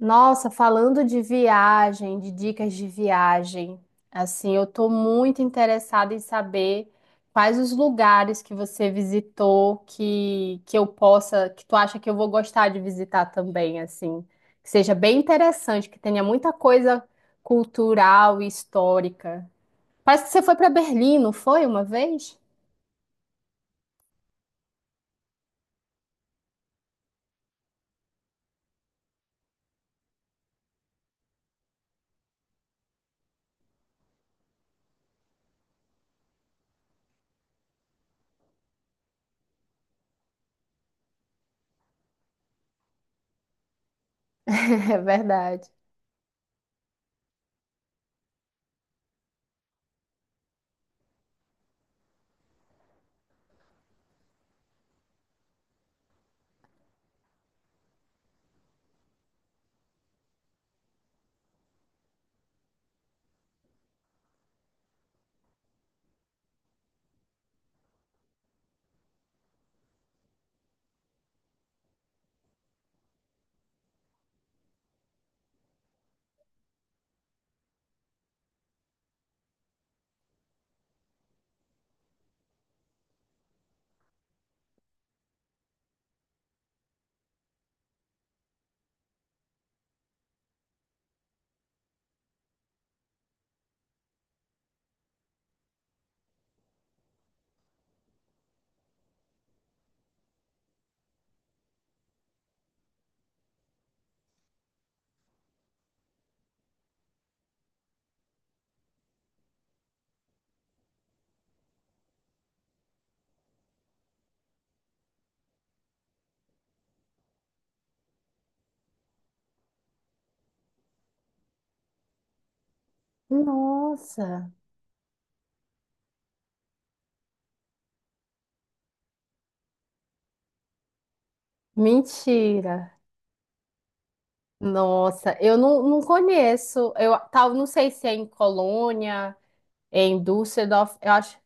Nossa, falando de viagem, de dicas de viagem, assim, eu tô muito interessada em saber quais os lugares que você visitou que eu possa, que tu acha que eu vou gostar de visitar também, assim, que seja bem interessante, que tenha muita coisa cultural e histórica. Parece que você foi para Berlim, não foi uma vez? É verdade. Nossa, mentira. Nossa, eu não conheço. Eu tal, não sei se é em Colônia, é em Düsseldorf, eu acho.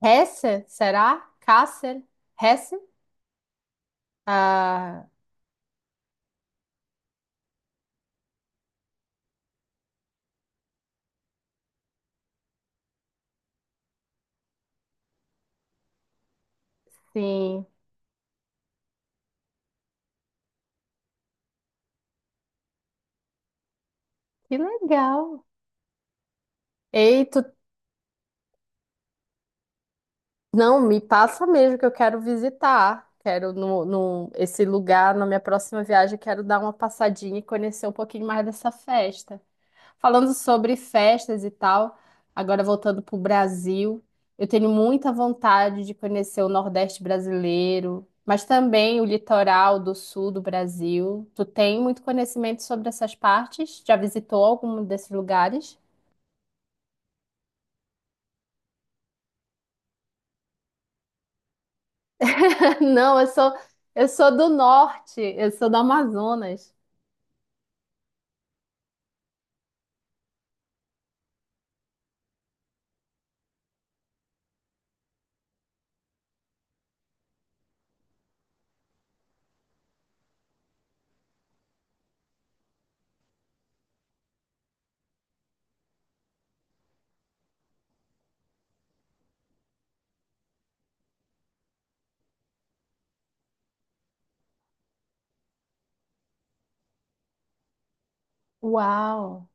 Hesse, será? Kassel? Hesse? Ah, sim. Que legal. Eita, não, me passa mesmo que eu quero visitar. Quero no, no, esse lugar, na minha próxima viagem, quero dar uma passadinha e conhecer um pouquinho mais dessa festa. Falando sobre festas e tal, agora voltando para o Brasil, eu tenho muita vontade de conhecer o Nordeste brasileiro, mas também o litoral do sul do Brasil. Tu tem muito conhecimento sobre essas partes? Já visitou algum desses lugares? Não, eu sou do norte, eu sou do Amazonas. Uau!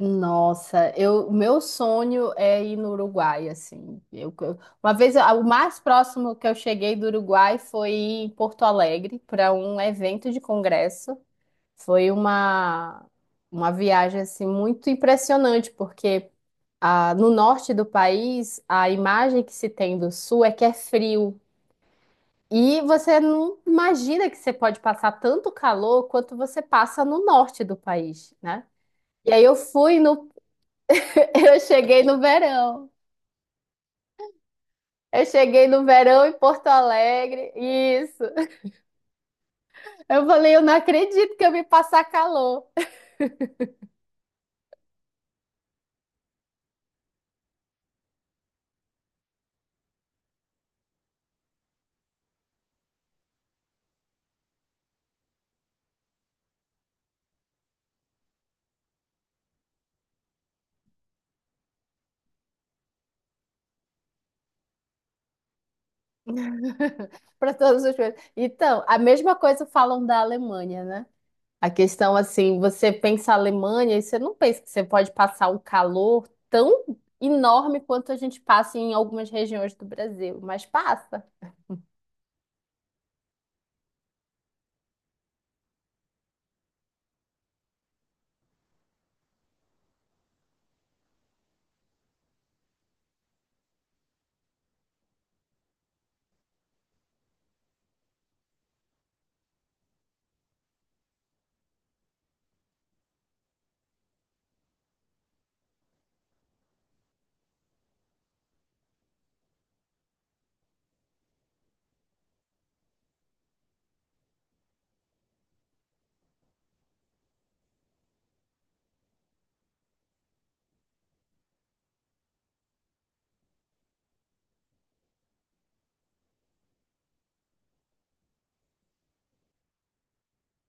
Nossa, eu, o meu sonho é ir no Uruguai, assim. Uma vez, a- o mais próximo que eu cheguei do Uruguai foi em Porto Alegre para um evento de congresso. Foi uma, uma viagem assim muito impressionante, porque ah, no norte do país a imagem que se tem do sul é que é frio. E você não imagina que você pode passar tanto calor quanto você passa no norte do país, né? E aí eu fui no Eu cheguei no verão. Eu cheguei no verão em Porto Alegre, isso. Eu falei, eu não acredito que eu vim passar calor para todas as coisas. Então, a mesma coisa falam da Alemanha, né? A questão assim, você pensa a Alemanha e você não pensa que você pode passar um calor tão enorme quanto a gente passa em algumas regiões do Brasil, mas passa.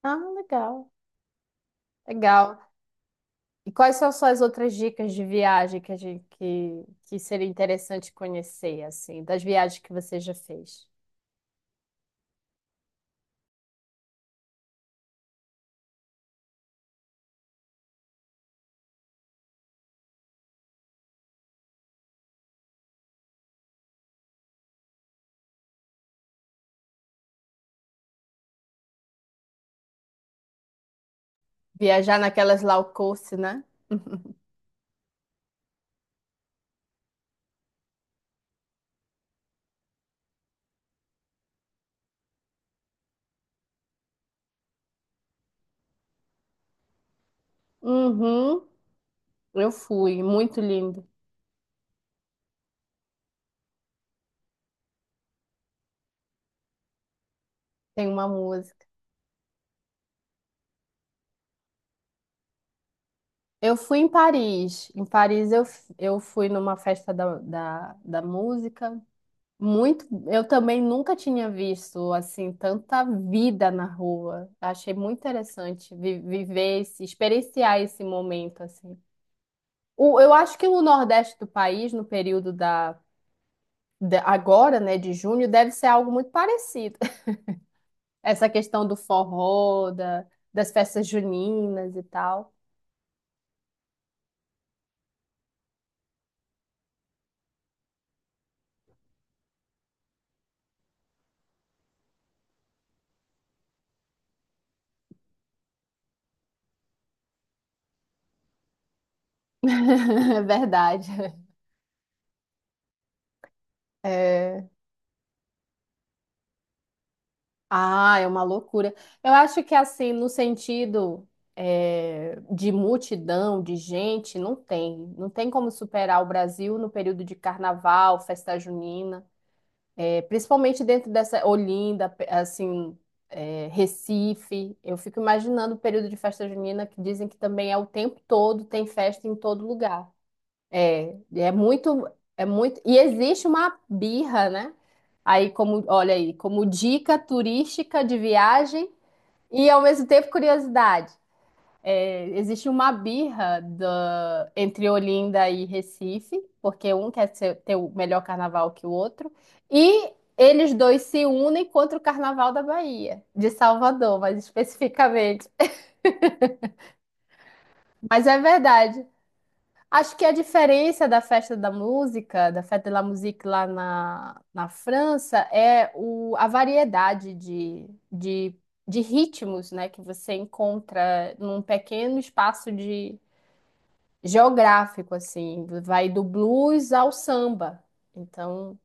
Ah, legal, legal. E quais são suas outras dicas de viagem que a gente que seria interessante conhecer, assim, das viagens que você já fez? Viajar naquelas low cost, né? Uhum, eu fui, muito lindo. Tem uma música. Eu fui em Paris. Em Paris eu, f- eu fui numa festa da música. Muito, eu também nunca tinha visto assim tanta vida na rua. Achei muito interessante vi- viver esse, experienciar esse momento assim. O- eu acho que o Nordeste do país, no período da, da- agora, né, de junho, deve ser algo muito parecido. Essa questão do forró, da- das festas juninas e tal. É verdade. É. Ah, é uma loucura. Eu acho que assim, no sentido é, de multidão, de gente, não tem. Não tem como superar o Brasil no período de carnaval, festa junina. É, principalmente dentro dessa Olinda, pe- assim, é, Recife. Eu fico imaginando o período de festa junina que dizem que também é o tempo todo, tem festa em todo lugar. É, é muito, é muito. E existe uma birra, né? Aí, como, olha aí, como dica turística de viagem e ao mesmo tempo curiosidade. É, existe uma birra da- entre Olinda e Recife, porque um quer ser- ter o melhor carnaval que o outro, e eles dois se unem contra o carnaval da Bahia, de Salvador, mais especificamente. Mas é verdade. Acho que a diferença da festa da música, da Fête de la Musique lá na França, é o, a variedade de ritmos, né, que você encontra num pequeno espaço geográfico, assim, vai do blues ao samba. Então,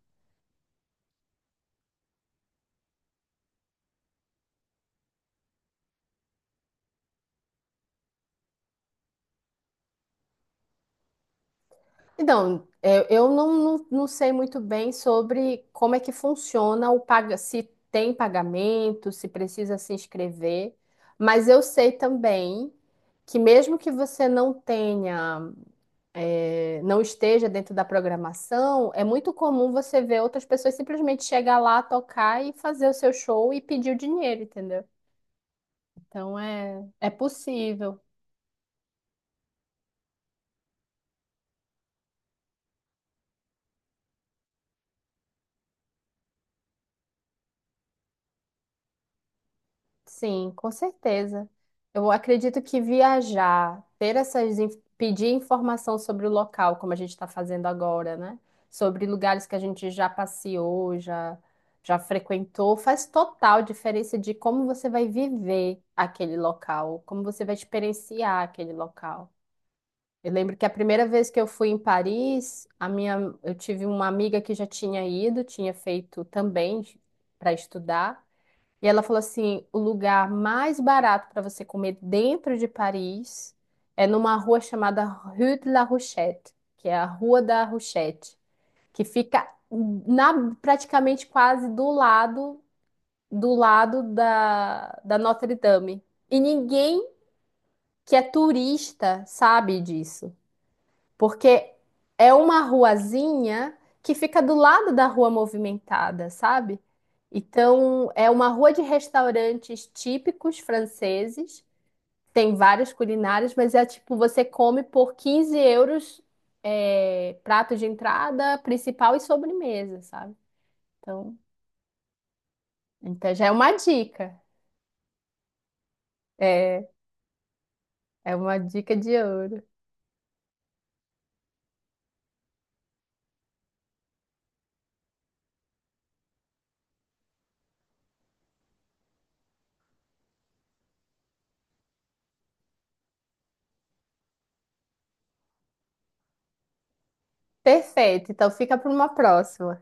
então, é, eu não sei muito bem sobre como é que funciona o paga, se tem pagamento, se precisa se inscrever, mas eu sei também que mesmo que você não tenha, não esteja dentro da programação, é muito comum você ver outras pessoas simplesmente chegar lá, tocar e fazer o seu show e pedir o dinheiro, entendeu? Então é, é possível. Sim, com certeza. Eu acredito que viajar, ter essas, in- pedir informação sobre o local, como a gente está fazendo agora, né? Sobre lugares que a gente já passeou, já, já frequentou, faz total diferença de como você vai viver aquele local, como você vai experienciar aquele local. Eu lembro que a primeira vez que eu fui em Paris, a minha, eu tive uma amiga que já tinha ido, tinha feito também para estudar. E ela falou assim: o lugar mais barato para você comer dentro de Paris é numa rua chamada Rue de la Rochette, que é a Rua da Rochette, que fica na, praticamente quase do lado da Notre Dame. E ninguém que é turista sabe disso. Porque é uma ruazinha que fica do lado da rua movimentada, sabe? Então, é uma rua de restaurantes típicos franceses, tem várias culinárias, mas é tipo, você come por 15 euros, é, prato de entrada, principal e sobremesa, sabe? Então, então já é uma dica. É, é uma dica de ouro. Perfeito, então fica para uma próxima.